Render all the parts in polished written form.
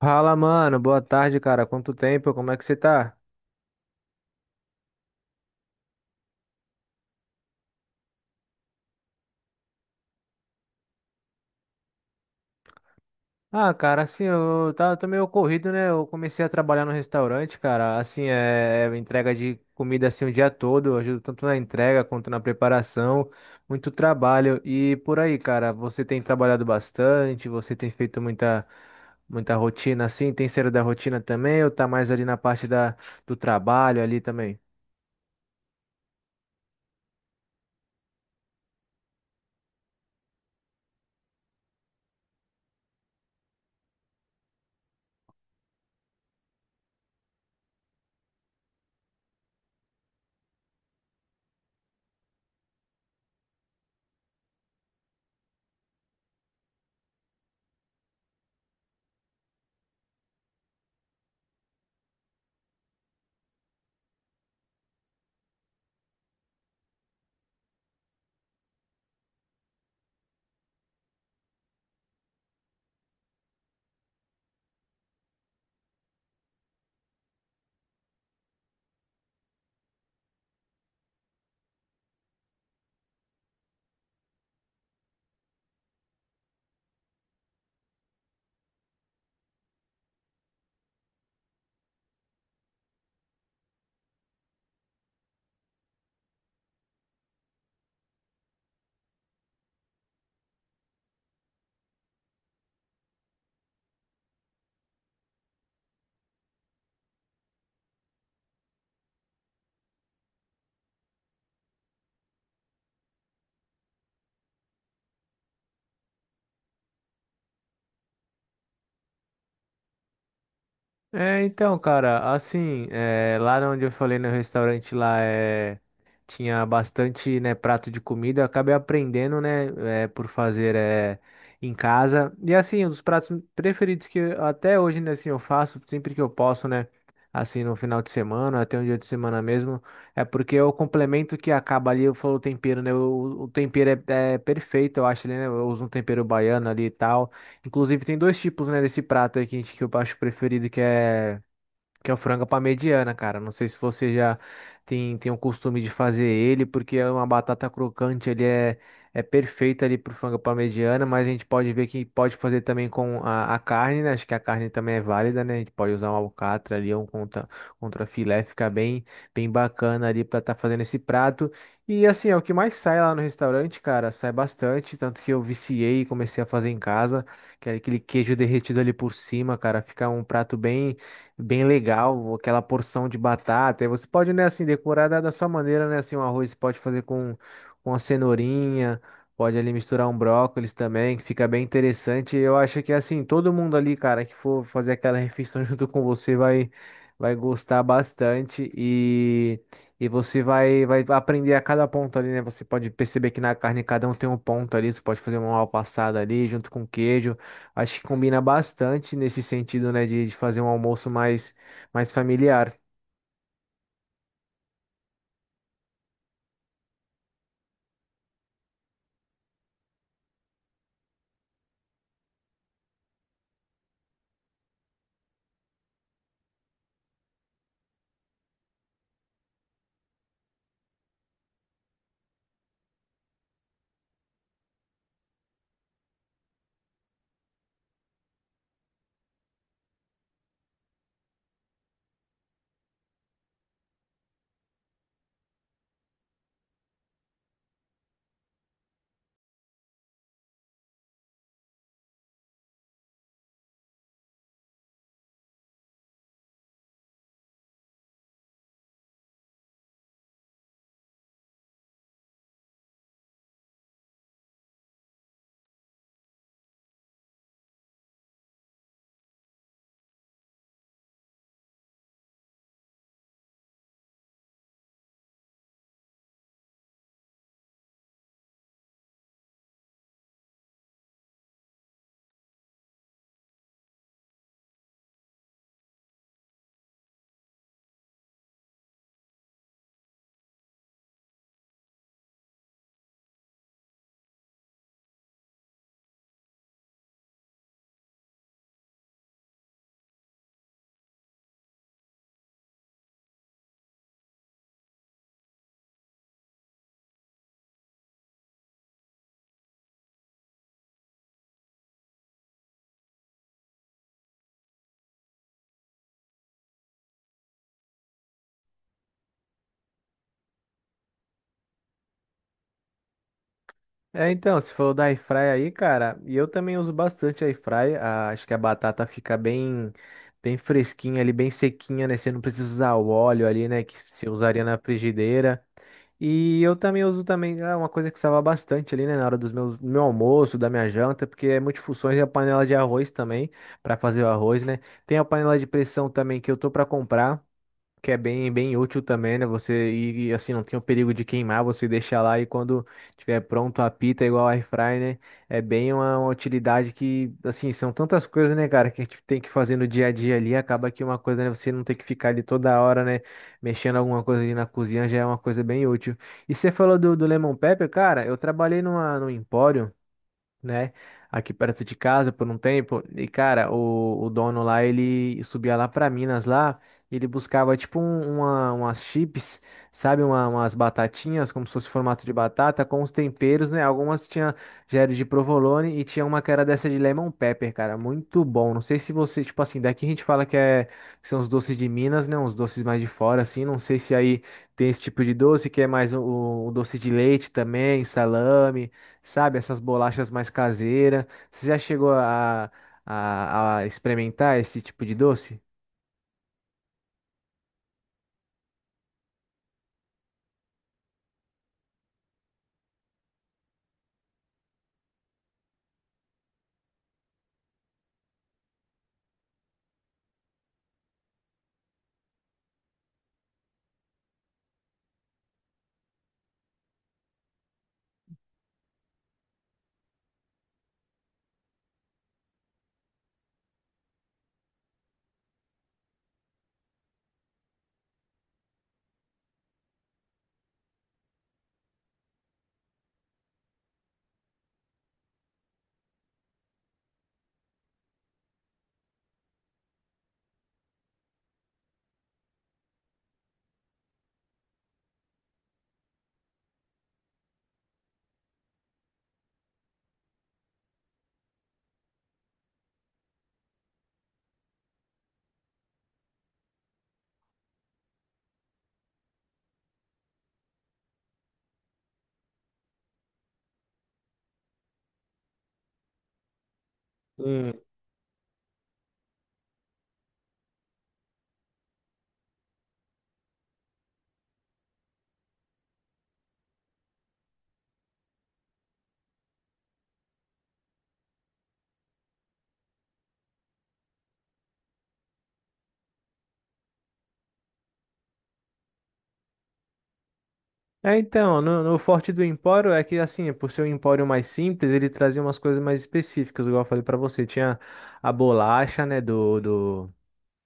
Fala, mano. Boa tarde, cara. Quanto tempo? Como é que você tá? Ah, cara, assim, tô meio corrido, né? Eu comecei a trabalhar no restaurante, cara. Assim, é entrega de comida assim o dia todo. Eu ajudo tanto na entrega quanto na preparação. Muito trabalho. E por aí, cara, você tem trabalhado bastante, você tem feito muita rotina assim, tem sido da rotina também, ou tá mais ali do trabalho ali também? É, então, cara, assim, é, lá onde eu falei no restaurante lá é, tinha bastante, né, prato de comida, eu acabei aprendendo, né, é, por fazer é, em casa. E assim, um dos pratos preferidos até hoje, né, assim, eu faço sempre que eu posso, né, assim, no final de semana, até um dia de semana mesmo, é porque é o complemento que acaba ali, eu falo o tempero, né, o tempero é perfeito, eu acho, né, eu uso um tempero baiano ali e tal. Inclusive, tem dois tipos, né, desse prato aí que, que eu acho preferido, que é o frango para mediana, cara. Não sei se você já tem o costume de fazer ele, porque é uma batata crocante, ele é, é perfeito ali pro frango para mediana, mas a gente pode ver que pode fazer também com a carne, né? Acho que a carne também é válida, né? A gente pode usar um alcatra ali, contra filé, fica bem bacana ali para estar fazendo esse prato. E assim, é o que mais sai lá no restaurante, cara, sai bastante, tanto que eu viciei e comecei a fazer em casa, que é aquele queijo derretido ali por cima, cara, fica um prato bem legal, aquela porção de batata. E você pode, né, assim, decorar da sua maneira, né, assim, um arroz você pode fazer com a cenourinha, pode ali misturar um brócolis também, que fica bem interessante. Eu acho que, assim, todo mundo ali, cara, que for fazer aquela refeição junto com você vai gostar bastante e você vai aprender a cada ponto ali, né? Você pode perceber que na carne cada um tem um ponto ali, você pode fazer uma mal passada ali junto com queijo. Acho que combina bastante nesse sentido, né, de fazer um almoço mais familiar. É, então, se for da airfryer aí, cara, e eu também uso bastante a airfryer, acho que a batata fica bem fresquinha ali, bem sequinha, né, você não precisa usar o óleo ali, né, que você usaria na frigideira. E eu também uso também, é uma coisa que salva bastante ali, né, na hora do meu almoço, da minha janta, porque é multifunções e a panela de arroz também, para fazer o arroz, né. Tem a panela de pressão também que eu tô para comprar, que é bem útil também, né? Você ir assim, não tem o perigo de queimar, você deixa lá e quando tiver pronto apita igual air fry, né? É bem uma utilidade que, assim, são tantas coisas, né, cara, que a gente tem que fazer no dia a dia ali, acaba que uma coisa, né, você não tem que ficar ali toda hora, né, mexendo alguma coisa ali na cozinha, já é uma coisa bem útil. E você falou do Lemon Pepper, cara, eu trabalhei num empório, né? Aqui perto de casa por um tempo. E, cara, o dono lá, ele subia lá pra Minas lá, e ele buscava umas chips, sabe? Umas batatinhas, como se fosse formato de batata, com os temperos, né? Algumas tinha já era de provolone e tinha uma que era dessa de lemon pepper, cara. Muito bom. Não sei se você, tipo assim, daqui a gente fala que, é, que são os doces de Minas, né? Uns doces mais de fora, assim. Não sei se aí tem esse tipo de doce, que é mais o doce de leite também, salame. Sabe, essas bolachas mais caseiras. Você já chegou a experimentar esse tipo de doce? Hum. É, então, no forte do Empório é que, assim, por ser um empório mais simples, ele trazia umas coisas mais específicas, igual eu falei pra você. Tinha a bolacha, né,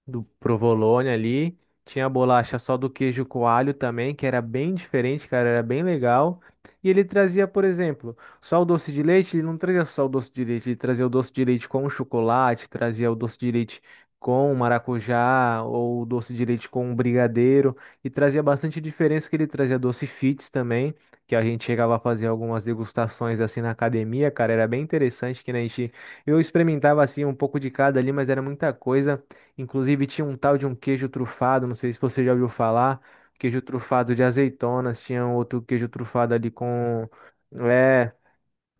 do provolone ali. Tinha a bolacha só do queijo coalho também, que era bem diferente, cara, era bem legal. E ele trazia, por exemplo, só o doce de leite, ele não trazia só o doce de leite, ele trazia o doce de leite com chocolate, trazia o doce de leite com maracujá ou o doce de leite com brigadeiro e trazia bastante diferença que ele trazia doce fits também, que a gente chegava a fazer algumas degustações assim na academia, cara, era bem interessante que né, a gente eu experimentava assim um pouco de cada ali, mas era muita coisa. Inclusive tinha um tal de um queijo trufado, não sei se você já ouviu falar, queijo trufado de azeitonas, tinha um outro queijo trufado ali com, é,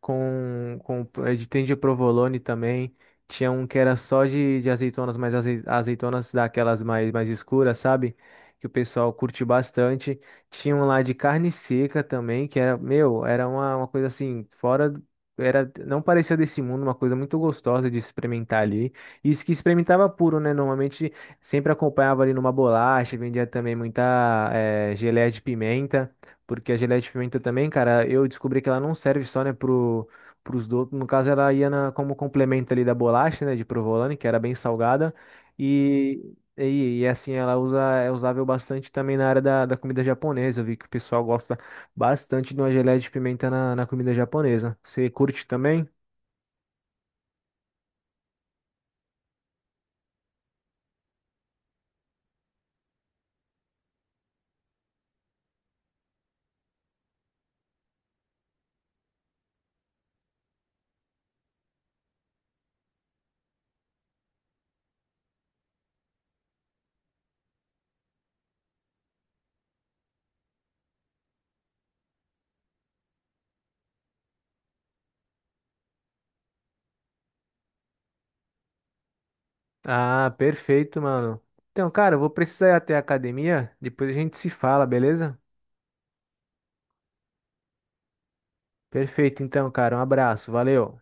com tem de provolone também. Tinha um que era só de azeitonas, mas azeitonas daquelas mais escuras, sabe? Que o pessoal curte bastante. Tinha um lá de carne seca também, que era, meu, era uma coisa assim, Era, não parecia desse mundo, uma coisa muito gostosa de experimentar ali. Isso que experimentava puro, né? Normalmente sempre acompanhava ali numa bolacha, vendia também muita geleia de pimenta. Porque a geleia de pimenta também, cara, eu descobri que ela não serve só, né, pros doces. No caso, ela como complemento ali da bolacha, né, de provolone, que era bem salgada. E, assim, ela usa, é usável bastante também na área da comida japonesa. Eu vi que o pessoal gosta bastante de uma geleia de pimenta na comida japonesa. Você curte também? Ah, perfeito, mano. Então, cara, eu vou precisar ir até a academia. Depois a gente se fala, beleza? Perfeito, então, cara. Um abraço. Valeu.